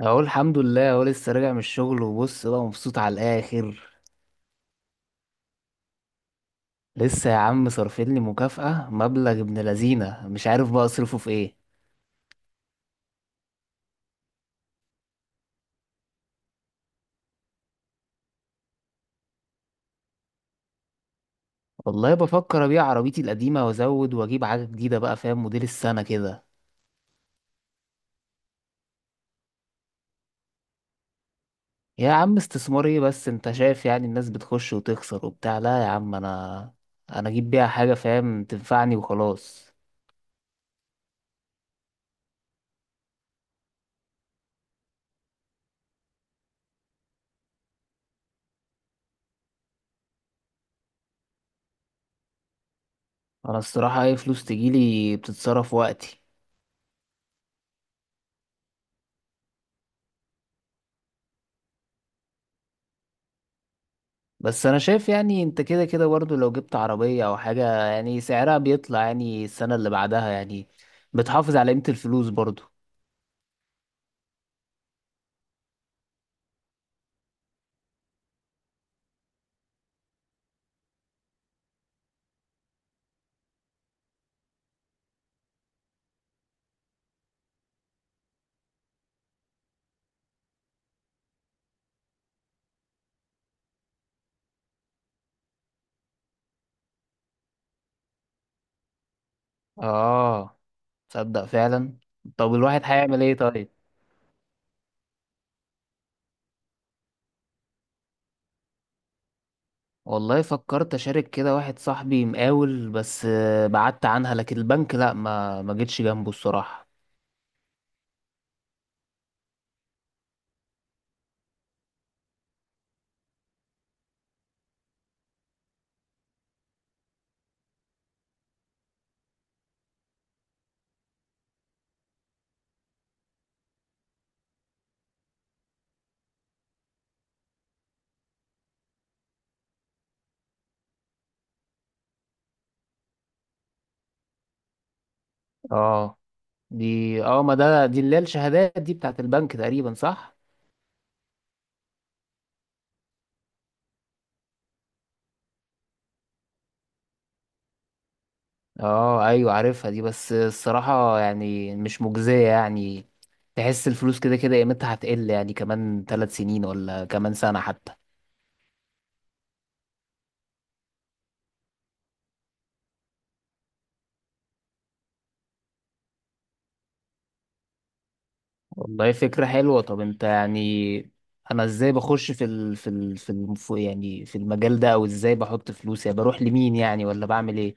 اقول الحمد لله اهو لسه راجع من الشغل، وبص بقى مبسوط على الاخر. لسه يا عم صارفين لي مكافأة مبلغ ابن لذينه، مش عارف بقى اصرفه في ايه. والله بفكر ابيع عربيتي القديمة وازود واجيب حاجة جديدة بقى، فاهم؟ موديل السنة كده. يا عم استثمار ايه بس، انت شايف يعني الناس بتخش وتخسر وبتاع، لا يا عم انا اجيب بيها حاجة فاهم تنفعني وخلاص. انا الصراحة اي فلوس تجيلي بتتصرف وقتي. بس انا شايف يعني انت كده كده برضه لو جبت عربية او حاجة يعني سعرها بيطلع يعني السنة اللي بعدها يعني بتحافظ على قيمة الفلوس برضه. اه، تصدق فعلا. طب الواحد هيعمل ايه طيب؟ والله فكرت اشارك كده واحد صاحبي مقاول، بس آه، بعدت عنها، لكن البنك لا ما جيتش جنبه الصراحة. اه دي اه ما ده دي اللي هي الشهادات دي بتاعت البنك تقريبا، صح؟ اه ايوه، عارفها دي، بس الصراحة يعني مش مجزية يعني. تحس الفلوس كده كده قيمتها هتقل يعني، كمان 3 سنين ولا كمان سنة حتى. والله فكرة حلوة. طب انت يعني انا ازاي بخش في ال في ال في الم- في- يعني في المجال ده، او ازاي بحط فلوس يعني، بروح لمين يعني، ولا بعمل ايه؟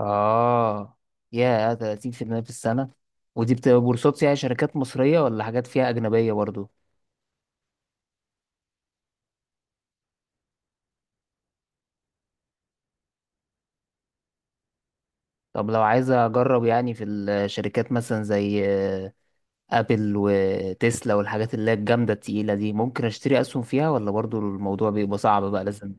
اه، يا 30% في المية في السنة؟ ودي بتبقى بورصات يعني شركات مصرية، ولا حاجات فيها أجنبية برضو؟ طب لو عايز أجرب يعني في الشركات مثلا زي ابل وتسلا والحاجات اللي هي الجامدة التقيلة دي، ممكن اشتري اسهم فيها ولا برضو الموضوع بيبقى صعب بقى لازم...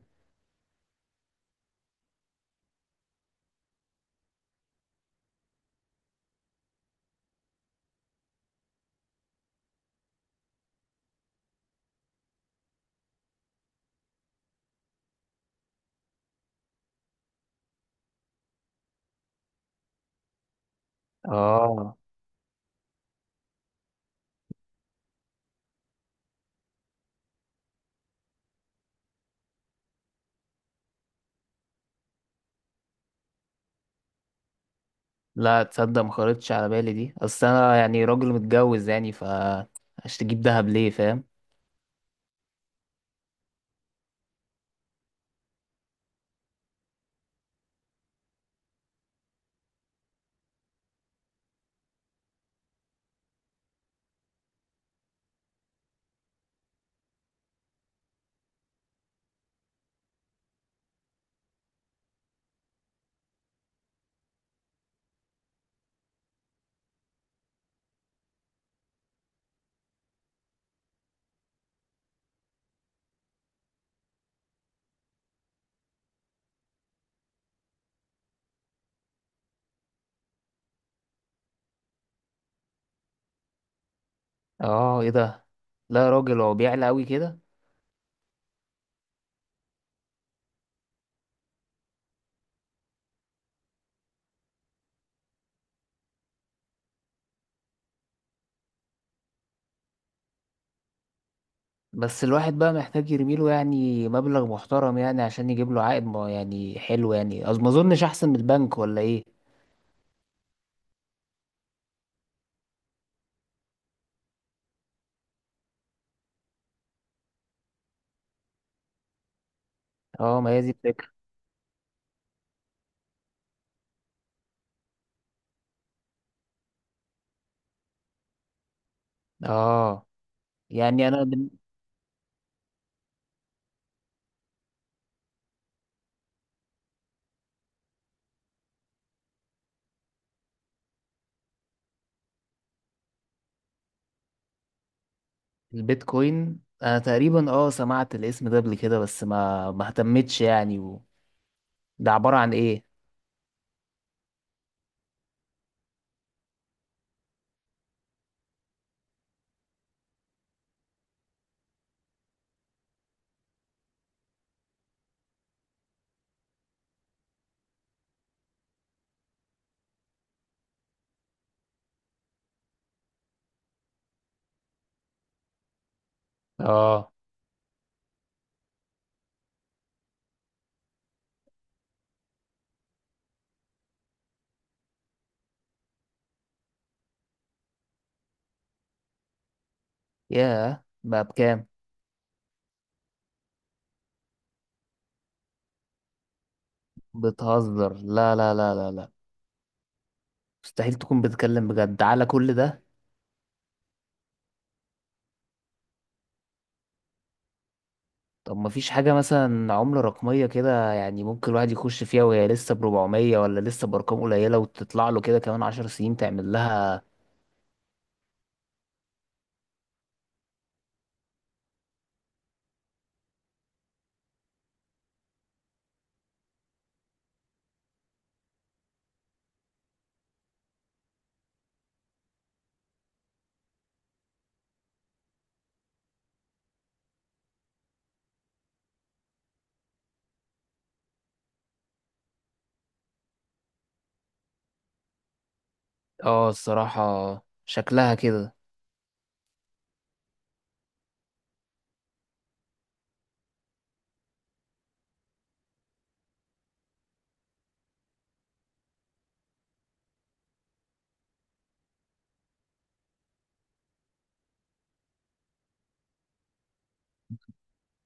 اه، لا تصدق، ما خرجتش على بالي دي، اصل انا يعني راجل متجوز يعني، ف هشتجيب دهب ليه، فاهم؟ اه ايه ده، لا يا راجل هو بيعلى قوي كده. بس الواحد بقى محتاج يرميله يعني مبلغ محترم يعني عشان يجيب له عائد، ما- يعني حلو يعني، أظ- ما اظنش احسن من البنك، ولا ايه؟ اه، ما هي دي الفكرة. اه يعني انا... البيتكوين انا تقريبا اه سمعت الاسم ده قبل كده، بس ما اهتمتش يعني، و... ده عبارة عن ايه؟ اه، ياه، بقى بكام؟ بتهزر، لا لا لا لا لا، مستحيل تكون بتتكلم بجد على كل ده. طب ما فيش حاجة مثلا عملة رقمية كده يعني، ممكن الواحد يخش فيها وهي لسه بربعمية ولا لسه بأرقام قليلة، وتطلع له كده كمان 10 سنين تعمل لها... اه الصراحة شكلها كده.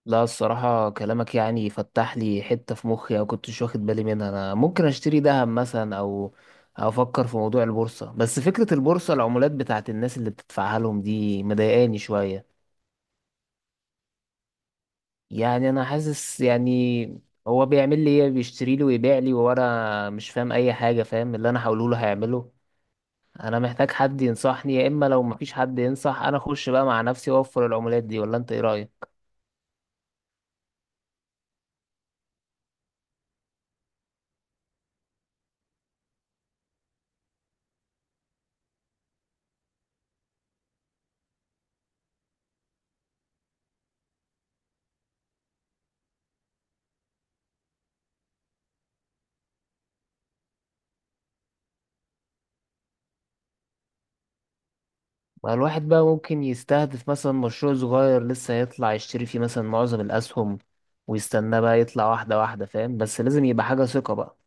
لا الصراحة كلامك يعني فتح لي حتة في مخي، أو كنتش واخد بالي منها، أنا ممكن أشتري دهب مثلا أو أفكر في موضوع البورصة، بس فكرة البورصة، العمولات بتاعت الناس اللي بتدفعها لهم دي مضايقاني شوية. يعني أنا حاسس يعني هو بيعمل لي إيه، بيشتري لي ويبيع لي، وأنا مش فاهم أي حاجة، فاهم اللي أنا هقوله له هيعمله؟ أنا محتاج حد ينصحني، يا إما لو مفيش حد ينصح أنا أخش بقى مع نفسي وأوفر العمولات دي، ولا أنت إيه رأيك؟ ما الواحد بقى ممكن يستهدف مثلا مشروع صغير لسه هيطلع، يشتري فيه مثلا معظم الأسهم ويستناه بقى يطلع واحدة واحدة، فاهم؟ بس لازم يبقى حاجة ثقة بقى.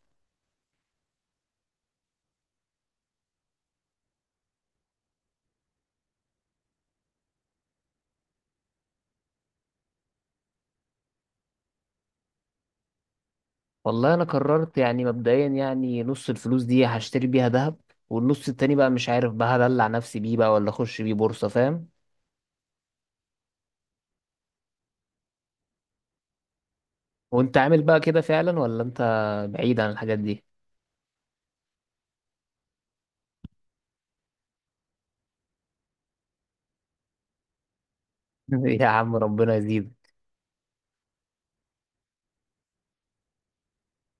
والله أنا قررت يعني مبدئيا يعني نص الفلوس دي هشتري بيها ذهب، والنص التاني بقى مش عارف بقى هدلع نفسي بيه بقى، ولا أخش بيه بورصة، فاهم؟ وأنت عامل بقى كده فعلا، ولا أنت بعيد عن الحاجات دي؟ يا عم ربنا يزيدك.